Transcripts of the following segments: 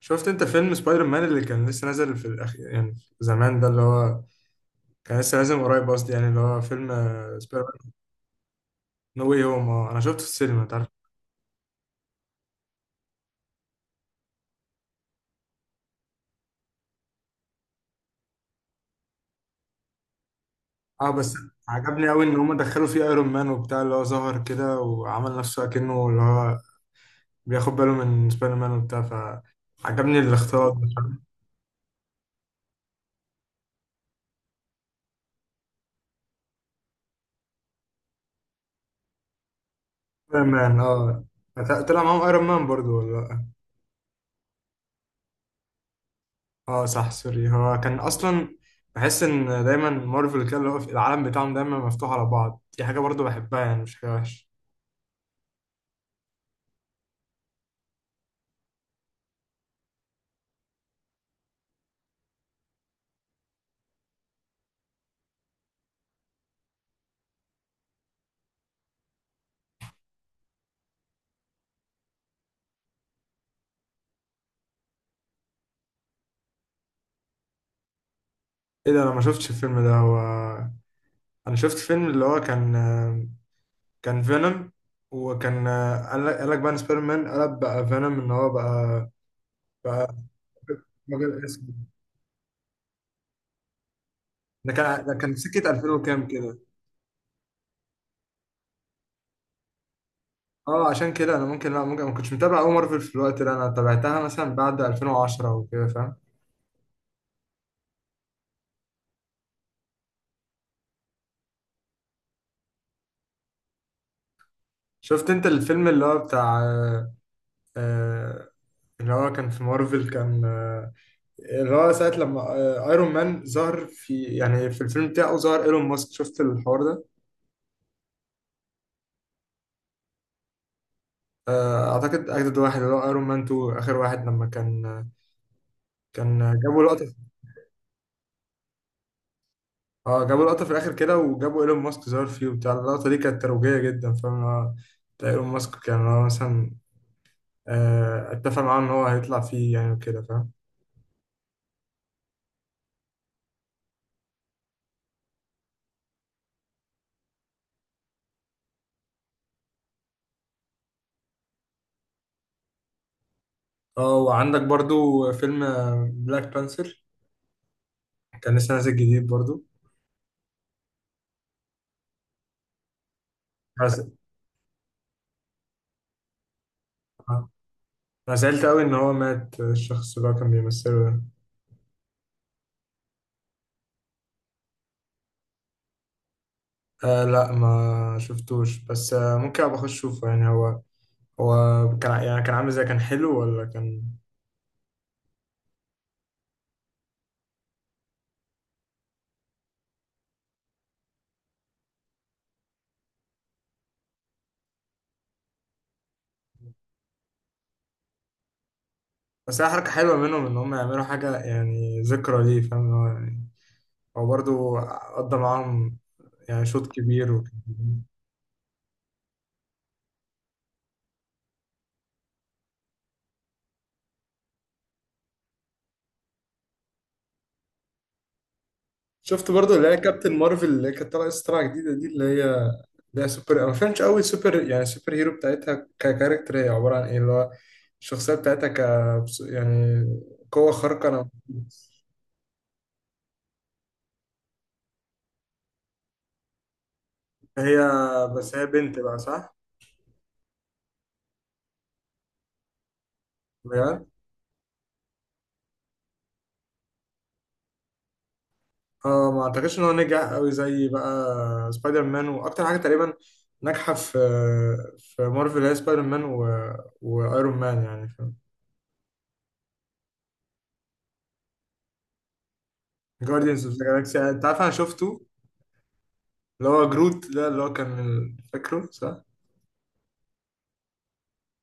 شفت انت فيلم سبايدر مان اللي كان لسه نازل في الاخير، يعني زمان، ده اللي هو كان لسه نازل من قريب قصدي. يعني اللي هو فيلم سبايدر مان نو واي هوم. اه، انا شفته في السينما انت عارف. اه بس. عجبني قوي ان هم دخلوا فيه ايرون مان وبتاع، اللي هو ظهر كده وعمل نفسه اكنه اللي هو بياخد باله من سبايدر مان وبتاع، فعجبني الاختلاط ده. سبايدر مان، اه، طلع معاهم ايرون مان برضو ولا لأ؟ اه صح، سوري، هو كان اصلا. بحس ان دايما مارفل كده اللي هو في العالم بتاعهم دايما مفتوح على بعض، دي حاجه برضو بحبها، يعني مش حاجه وحشه. ايه ده؟ انا ما شفتش الفيلم ده. هو انا شفت فيلم اللي هو كان فينوم. وكان قال لك بقى إن سبايدر مان قلب بقى فينوم، ان هو بقى راجل اسود. ده كان سكة 2000 وكام كده. اه، عشان كده انا ممكن لا، ممكن ما كنتش متابع قوي مارفل في الوقت ده. انا تابعتها مثلا بعد 2010 وكده فاهم. شفت انت الفيلم اللي هو بتاع آه، اللي هو كان في مارفل، كان اللي هو ساعة لما ايرون مان ظهر في، يعني في الفيلم بتاعه، ظهر ايلون ماسك. شفت الحوار ده؟ اعتقد اجدد واحد اللي هو ايرون مان 2، اخر واحد لما كان جابوا لقطة. اه، جابوا لقطة في الاخر كده وجابوا ايلون ماسك ظهر فيه وبتاع. اللقطة دي كانت ترويجية جدا، فاهم. بتاع ايلون ماسك كان هو مثلا اتفق معاه ان هو هيطلع فيه، يعني وكده، فاهم. اه، وعندك برضو فيلم بلاك بانثر، كان لسه نازل جديد برضو. بس آه، انا زعلت قوي ان هو مات، الشخص اللي هو كان بيمثله ده. لا، ما شفتوش، بس ممكن ابقى اخش اشوفه. يعني هو كان، يعني كان عامل ازاي، كان حلو ولا كان؟ بس هي حركة حلوة منهم ان هم يعملوا حاجة، يعني ذكرى ليه، فاهم؟ اللي هو يعني هو برضه قضى معاهم يعني شوط كبير وكده. شفت برضه اللي هي كابتن مارفل، اللي كانت طالعة لسه طالعة جديدة دي، اللي هي سوبر، ما فهمتش قوي سوبر، يعني سوبر هيرو بتاعتها ككاركتر، هي عبارة عن ايه؟ اللي هو الشخصية بتاعتها يعني قوة خارقة. أنا، هي، بس هي بنت بقى، صح؟ بجد. اه، ما اعتقدش ان هو نجح قوي زي بقى سبايدر مان. واكتر حاجه تقريبا ناجحه في مارفل هي سبايدر مان وايرون مان، يعني فاهم. جارديانز اوف ذا جالاكسي، انت عارف انا شفته، اللي هو جروت ده، اللي هو كان فاكره صح؟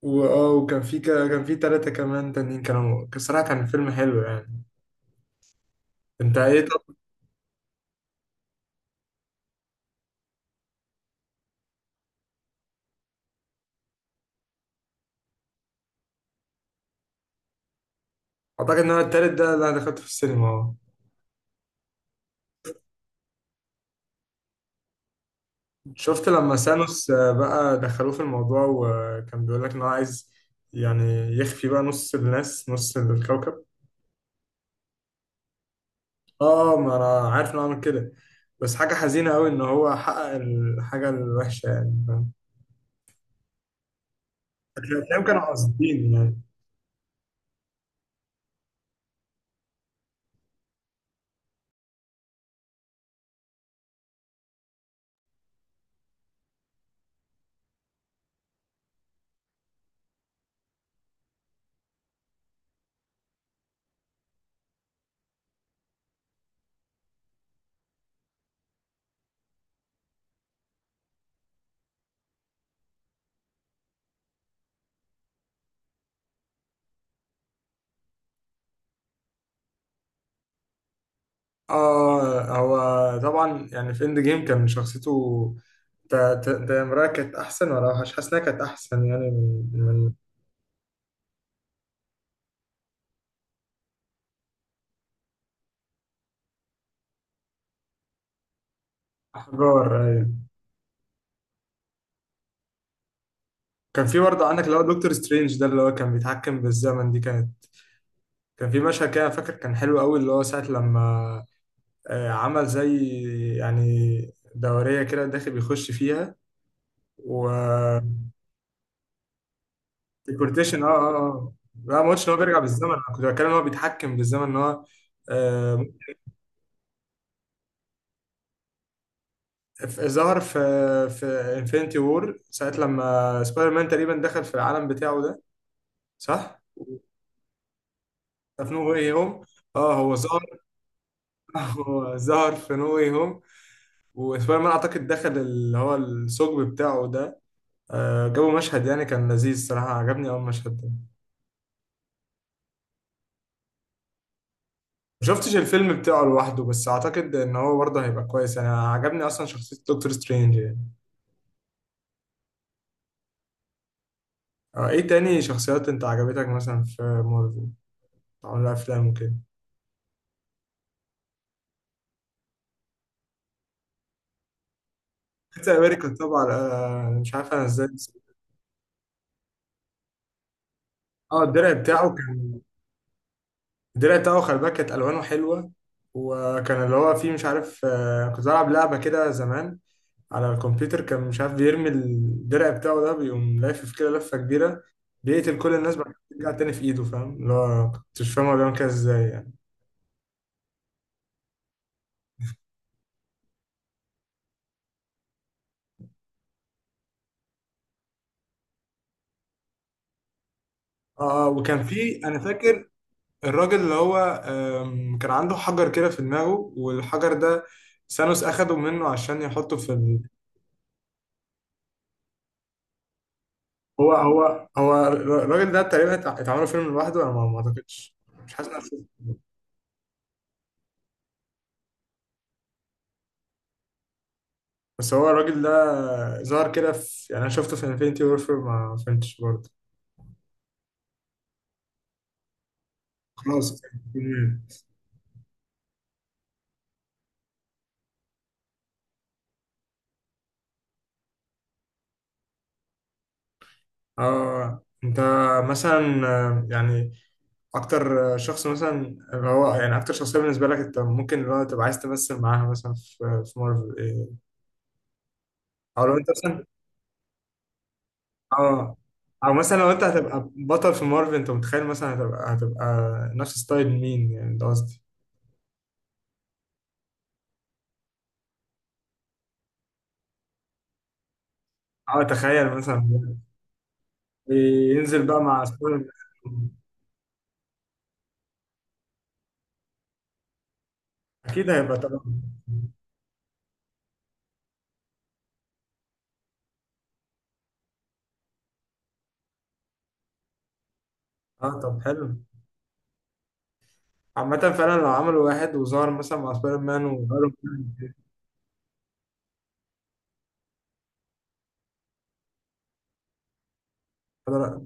واه، وكان في كان في ثلاثه كمان تانيين كانوا، الصراحه كان فيلم حلو. يعني انت ايه طب؟ اعتقد ان هو التالت ده اللي انا دخلته في السينما، اه. شفت لما سانوس بقى دخلوه في الموضوع وكان بيقول لك ان هو عايز، يعني، يخفي بقى نص الناس، نص الكوكب. اه، ما انا عارف انه عمل كده. بس حاجة حزينة قوي ان هو حقق الحاجة الوحشة، يعني فاهم. الافلام كانوا قاصدين يعني. اه، هو طبعا يعني في اند جيم كان شخصيته، تامرها كانت احسن، ولا مش حاسس انها كانت احسن يعني، من احجار، ايوه. كان في برضه عندك اللي هو دكتور سترينج ده، اللي هو كان بيتحكم بالزمن، دي كانت. كان في مشهد كده فاكر كان حلو قوي، اللي هو ساعة لما عمل زي يعني دورية كده، داخل بيخش فيها و. ديكورتيشن، اه اه اه. لا، ما قلتش ان هو بيرجع بالزمن. انا كنت بتكلم ان هو بيتحكم بالزمن، ان هو آه، ظهر في انفينيتي وور ساعة لما سبايدر مان تقريبا دخل في العالم بتاعه ده، صح؟ في نو واي هوم، اه. هو ظهر هو ظهر في نو واي هوم، وسبايدر مان اعتقد دخل اللي هو الثقب بتاعه ده. جابوا مشهد يعني كان لذيذ صراحة، عجبني أول مشهد ده. مشفتش الفيلم بتاعه لوحده، بس أعتقد إن هو برضه هيبقى كويس، يعني عجبني أصلا شخصية دكتور سترينج. يعني إيه تاني شخصيات أنت عجبتك مثلا في مارفل عملوا أفلام وكده؟ كابتن أمريكا طبعا. مش عارف أنا إزاي نسيت. أه، الدرع بتاعه، خلي بالك، كانت الوانه حلوه. وكان اللي هو فيه، مش عارف، كنت بلعب لعبه كده زمان على الكمبيوتر، كان مش عارف بيرمي الدرع بتاعه ده، بيقوم لافف كده لفه كبيره، بيقتل كل الناس، بعد كده بيرجع تاني في ايده، فاهم، اللي هو كنتش فاهم هو بيعمل كده ازاي يعني. اه، وكان في، انا فاكر الراجل اللي هو كان عنده حجر كده في دماغه، والحجر ده ثانوس اخده منه عشان يحطه في هو الراجل ده تقريبا، اتعملوا فيلم لوحده، انا ما اعتقدش. مش حاسس. بس هو الراجل ده ظهر كده في، يعني انا شفته في انفينيتي وورفير، ما فهمتش برضه. خلاص. مم. اه، انت مثلا يعني اكتر شخص مثلا، اللي هو يعني اكتر شخصيه بالنسبه لك، انت ممكن اللي هو تبقى عايز تمثل معاها مثلا في مارفل إيه؟ او لو انت مثلا اه، او مثلا لو انت هتبقى بطل في مارفل، انت متخيل مثلا هتبقى نفس ستايل مين؟ يعني ده قصدي. اه، تخيل مثلا ينزل بقى مع سبايدر مان. اكيد هيبقى طبعا. اه، طب حلو. عامة فعلا لو عملوا واحد وظهر مثلا مع سبايدر مان وايرون مان. لا،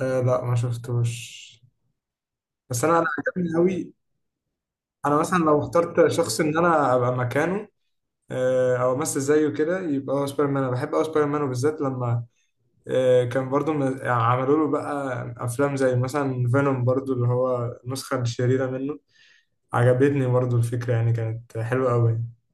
لا، ما شفتوش، بس انا عجبني قوي. انا مثلا لو اخترت شخص ان انا ابقى مكانه، او امثل زيه كده، يبقى هو سبايدر مان. انا بحب قوي سبايدر مان، وبالذات لما كان برضو يعني عملوا له بقى افلام زي مثلا فينوم برضو، اللي هو النسخة الشريرة منه. عجبتني برضو الفكرة، يعني كانت حلوة قوي.